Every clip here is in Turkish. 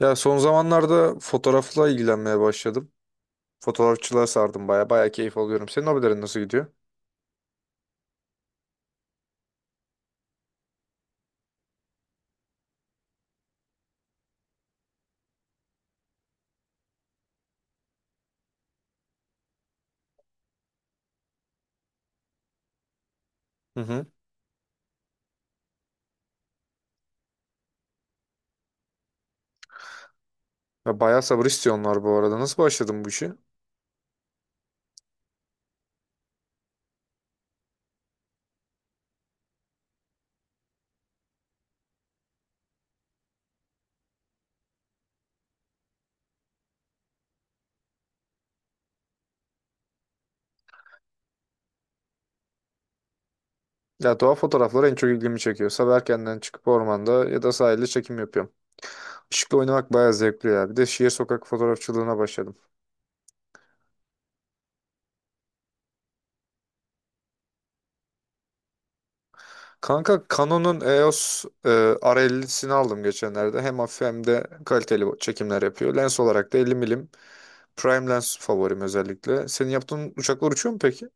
Ya son zamanlarda fotoğrafla ilgilenmeye başladım. Fotoğrafçılığa sardım baya. Baya keyif alıyorum. Senin hobilerin nasıl gidiyor? Hı hı. Ya bayağı sabır istiyorlar bu arada. Nasıl başladın bu işe? Ya doğa fotoğrafları en çok ilgimi çekiyor. Sabah erkenden çıkıp ormanda ya da sahilde çekim yapıyorum. Işıkla oynamak bayağı zevkli ya. Bir de şehir sokak fotoğrafçılığına başladım. Kanka Canon'un EOS R50'sini aldım geçenlerde. Hem hafif hem de kaliteli çekimler yapıyor. Lens olarak da 50 milim prime lens favorim özellikle. Senin yaptığın uçaklar uçuyor mu peki?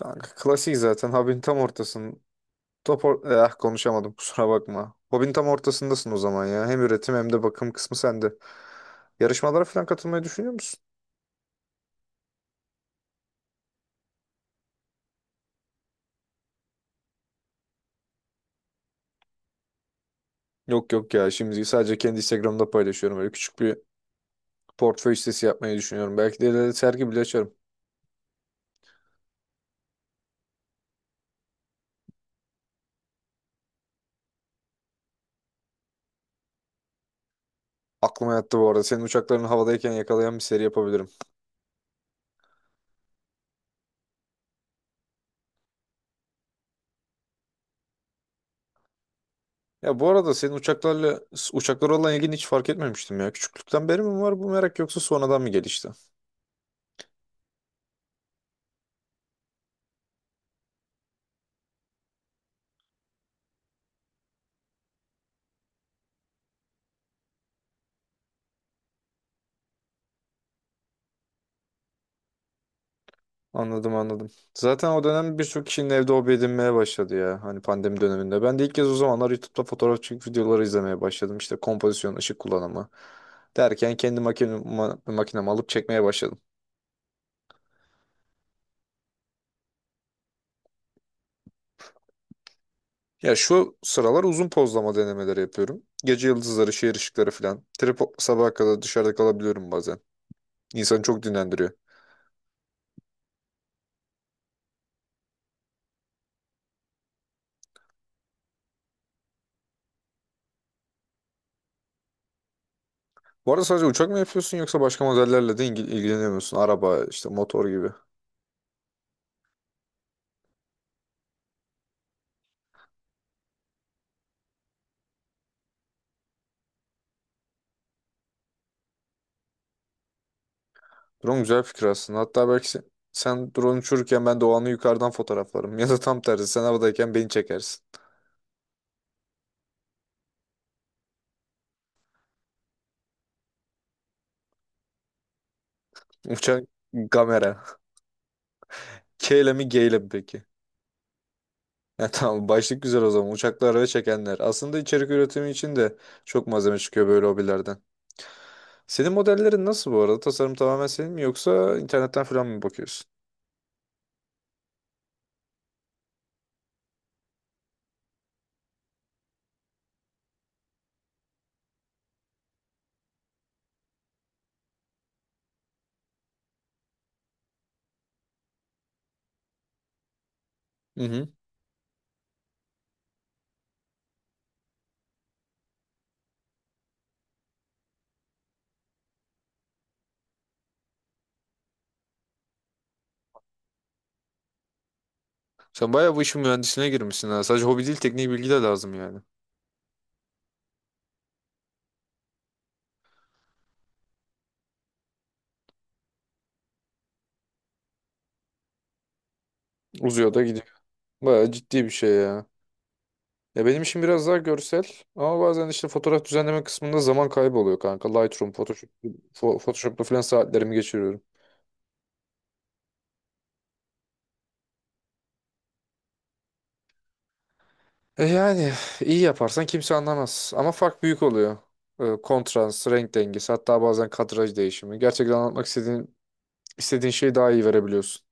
Kanka klasik zaten. Hub'in tam ortasın. Konuşamadım kusura bakma. Hobin tam ortasındasın o zaman ya. Hem üretim hem de bakım kısmı sende. Yarışmalara falan katılmayı düşünüyor musun? Yok yok ya, şimdi sadece kendi Instagram'da paylaşıyorum. Böyle küçük bir portföy sitesi yapmayı düşünüyorum. Belki de ileride sergi bile açarım. Aklıma yattı bu arada. Senin uçakların havadayken yakalayan bir seri yapabilirim. Ya bu arada senin uçaklara olan ilgini hiç fark etmemiştim ya. Küçüklükten beri mi var bu merak yoksa sonradan mı gelişti? Anladım, anladım. Zaten o dönem birçok kişinin evde hobi edinmeye başladı ya. Hani pandemi döneminde. Ben de ilk kez o zamanlar YouTube'da fotoğraf çekip videoları izlemeye başladım. İşte kompozisyon, ışık kullanımı derken kendi makinemi alıp çekmeye başladım. Ya şu sıralar uzun pozlama denemeleri yapıyorum. Gece yıldızları, şehir ışıkları falan. Tripod sabaha kadar dışarıda kalabiliyorum bazen. İnsanı çok dinlendiriyor. Bu arada sadece uçak mı yapıyorsun yoksa başka modellerle de ilgileniyor musun? Araba, işte motor gibi. Drone güzel fikir aslında. Hatta belki sen drone uçururken ben de o anı yukarıdan fotoğraflarım. Ya da tam tersi sen havadayken beni çekersin. Uçak kamera. K ile mi G ile mi peki? Ya, tamam başlık güzel o zaman. Uçaklar ve çekenler. Aslında içerik üretimi için de çok malzeme çıkıyor böyle hobilerden. Senin modellerin nasıl bu arada? Tasarım tamamen senin mi yoksa internetten falan mı bakıyorsun? Hı hı. Sen bayağı bu işin mühendisliğine girmişsin ha. Sadece hobi değil, tekniği bilgi de lazım yani. Uzuyor da gidiyor. Bayağı ciddi bir şey ya. Ya benim işim biraz daha görsel ama bazen işte fotoğraf düzenleme kısmında zaman kaybı oluyor kanka. Lightroom, Photoshop, Photoshop'la falan saatlerimi geçiriyorum. Yani iyi yaparsan kimse anlamaz ama fark büyük oluyor. Kontrast, renk dengesi, hatta bazen kadraj değişimi. Gerçekten anlatmak istediğin şeyi daha iyi verebiliyorsun.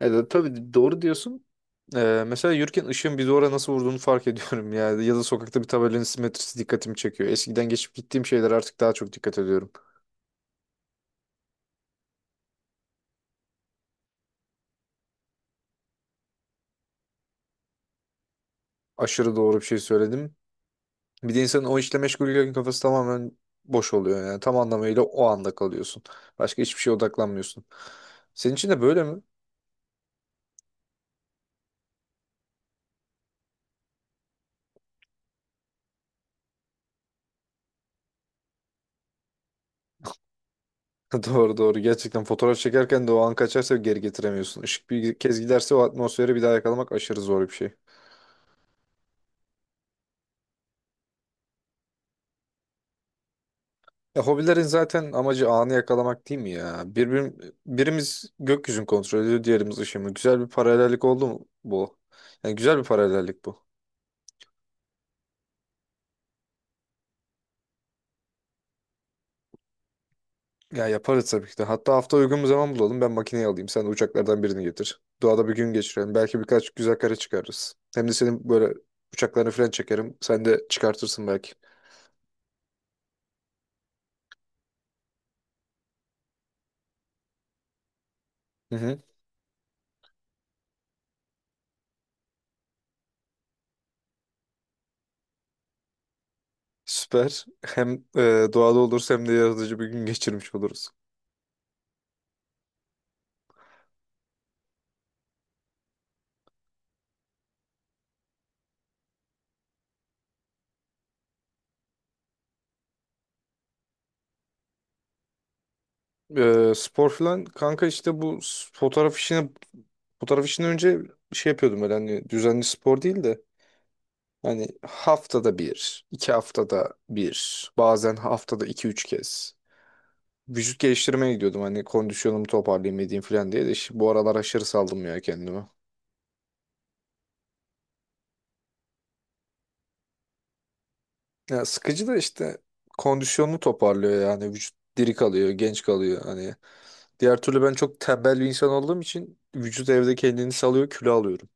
Tabii, doğru diyorsun. Mesela yürürken ışığın bir duvara nasıl vurduğunu fark ediyorum yani. Ya da sokakta bir tabelanın simetrisi dikkatimi çekiyor. Eskiden geçip gittiğim şeyler, artık daha çok dikkat ediyorum. Aşırı doğru bir şey söyledim. Bir de insanın o işle meşgulken kafası tamamen boş oluyor yani. Tam anlamıyla o anda kalıyorsun. Başka hiçbir şeye odaklanmıyorsun. Senin için de böyle mi? Doğru, doğru. Gerçekten fotoğraf çekerken de o an kaçarsa geri getiremiyorsun. Işık bir kez giderse o atmosferi bir daha yakalamak aşırı zor bir şey. Ya, hobilerin zaten amacı anı yakalamak değil mi ya? Birimiz gökyüzünü kontrol ediyor, diğerimiz ışığı mı? Güzel bir paralellik oldu mu bu? Yani güzel bir paralellik bu. Ya yaparız tabii ki de. Hatta hafta uygun bir zaman bulalım. Ben makineyi alayım. Sen de uçaklardan birini getir. Doğada bir gün geçirelim. Belki birkaç güzel kare çıkarırız. Hem de senin böyle uçaklarını falan çekerim. Sen de çıkartırsın belki. Hı hı. Süper. Hem doğada oluruz hem de yaratıcı bir gün geçirmiş oluruz. Spor falan kanka, işte fotoğraf işini önce şey yapıyordum, öyle hani düzenli spor değil de hani haftada bir, iki haftada bir, bazen haftada iki üç kez. Vücut geliştirmeye gidiyordum. Hani kondisyonumu toparlayayım edeyim falan diye de, işte bu aralar aşırı saldım ya kendime. Ya sıkıcı da işte kondisyonunu toparlıyor yani, vücut diri kalıyor, genç kalıyor hani. Diğer türlü ben çok tembel bir insan olduğum için vücut evde kendini salıyor, kilo alıyorum.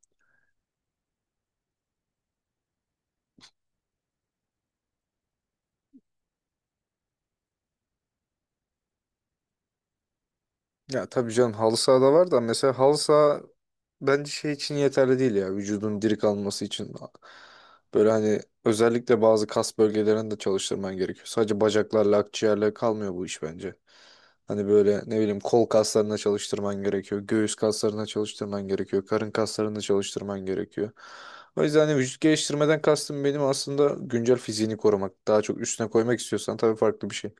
Ya tabii canım, halı saha da var da mesela halı saha bence şey için yeterli değil ya, vücudun diri kalması için. Böyle hani özellikle bazı kas bölgelerini de çalıştırman gerekiyor. Sadece bacaklarla akciğerle kalmıyor bu iş bence. Hani böyle ne bileyim, kol kaslarına çalıştırman gerekiyor. Göğüs kaslarına çalıştırman gerekiyor. Karın kaslarına çalıştırman gerekiyor. O yüzden hani vücut geliştirmeden kastım benim aslında güncel fiziğini korumak. Daha çok üstüne koymak istiyorsan tabii farklı bir şey.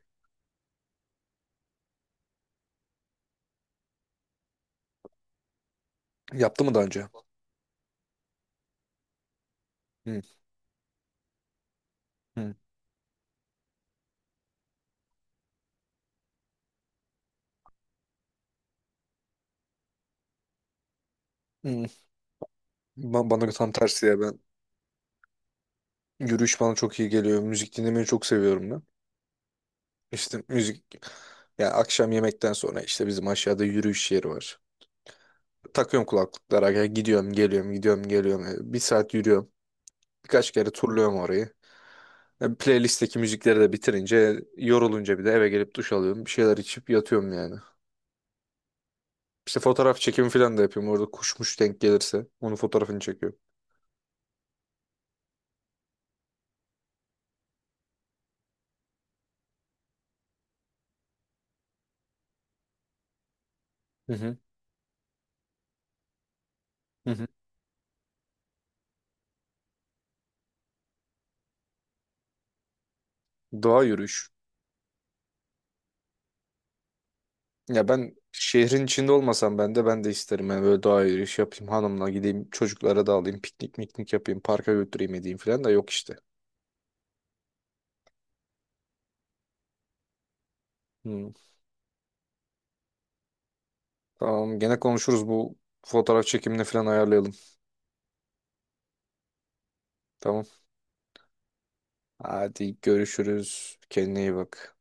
Yaptı mı daha önce? Hı. Hı. Bana tam tersi ya ben. Yürüyüş bana çok iyi geliyor. Müzik dinlemeyi çok seviyorum ben. İşte müzik, ya akşam yemekten sonra işte bizim aşağıda yürüyüş yeri var. Takıyorum kulaklıklara, ya gidiyorum geliyorum gidiyorum geliyorum. Bir saat yürüyorum. Birkaç kere turluyorum orayı. Playlist'teki müzikleri de bitirince, yorulunca, bir de eve gelip duş alıyorum. Bir şeyler içip yatıyorum yani. İşte fotoğraf çekimi falan da yapıyorum. Orada kuşmuş denk gelirse onun fotoğrafını çekiyorum. Hı hı. Hı hı. Doğa yürüyüş. Ya ben şehrin içinde olmasam ben de isterim. Yani böyle doğa yürüyüşü yapayım, hanımla gideyim, çocuklara da alayım, piknik miknik yapayım, parka götüreyim edeyim falan da yok işte. Hmm. Tamam, gene konuşuruz, bu fotoğraf çekimini falan ayarlayalım. Tamam. Hadi görüşürüz. Kendine iyi bak.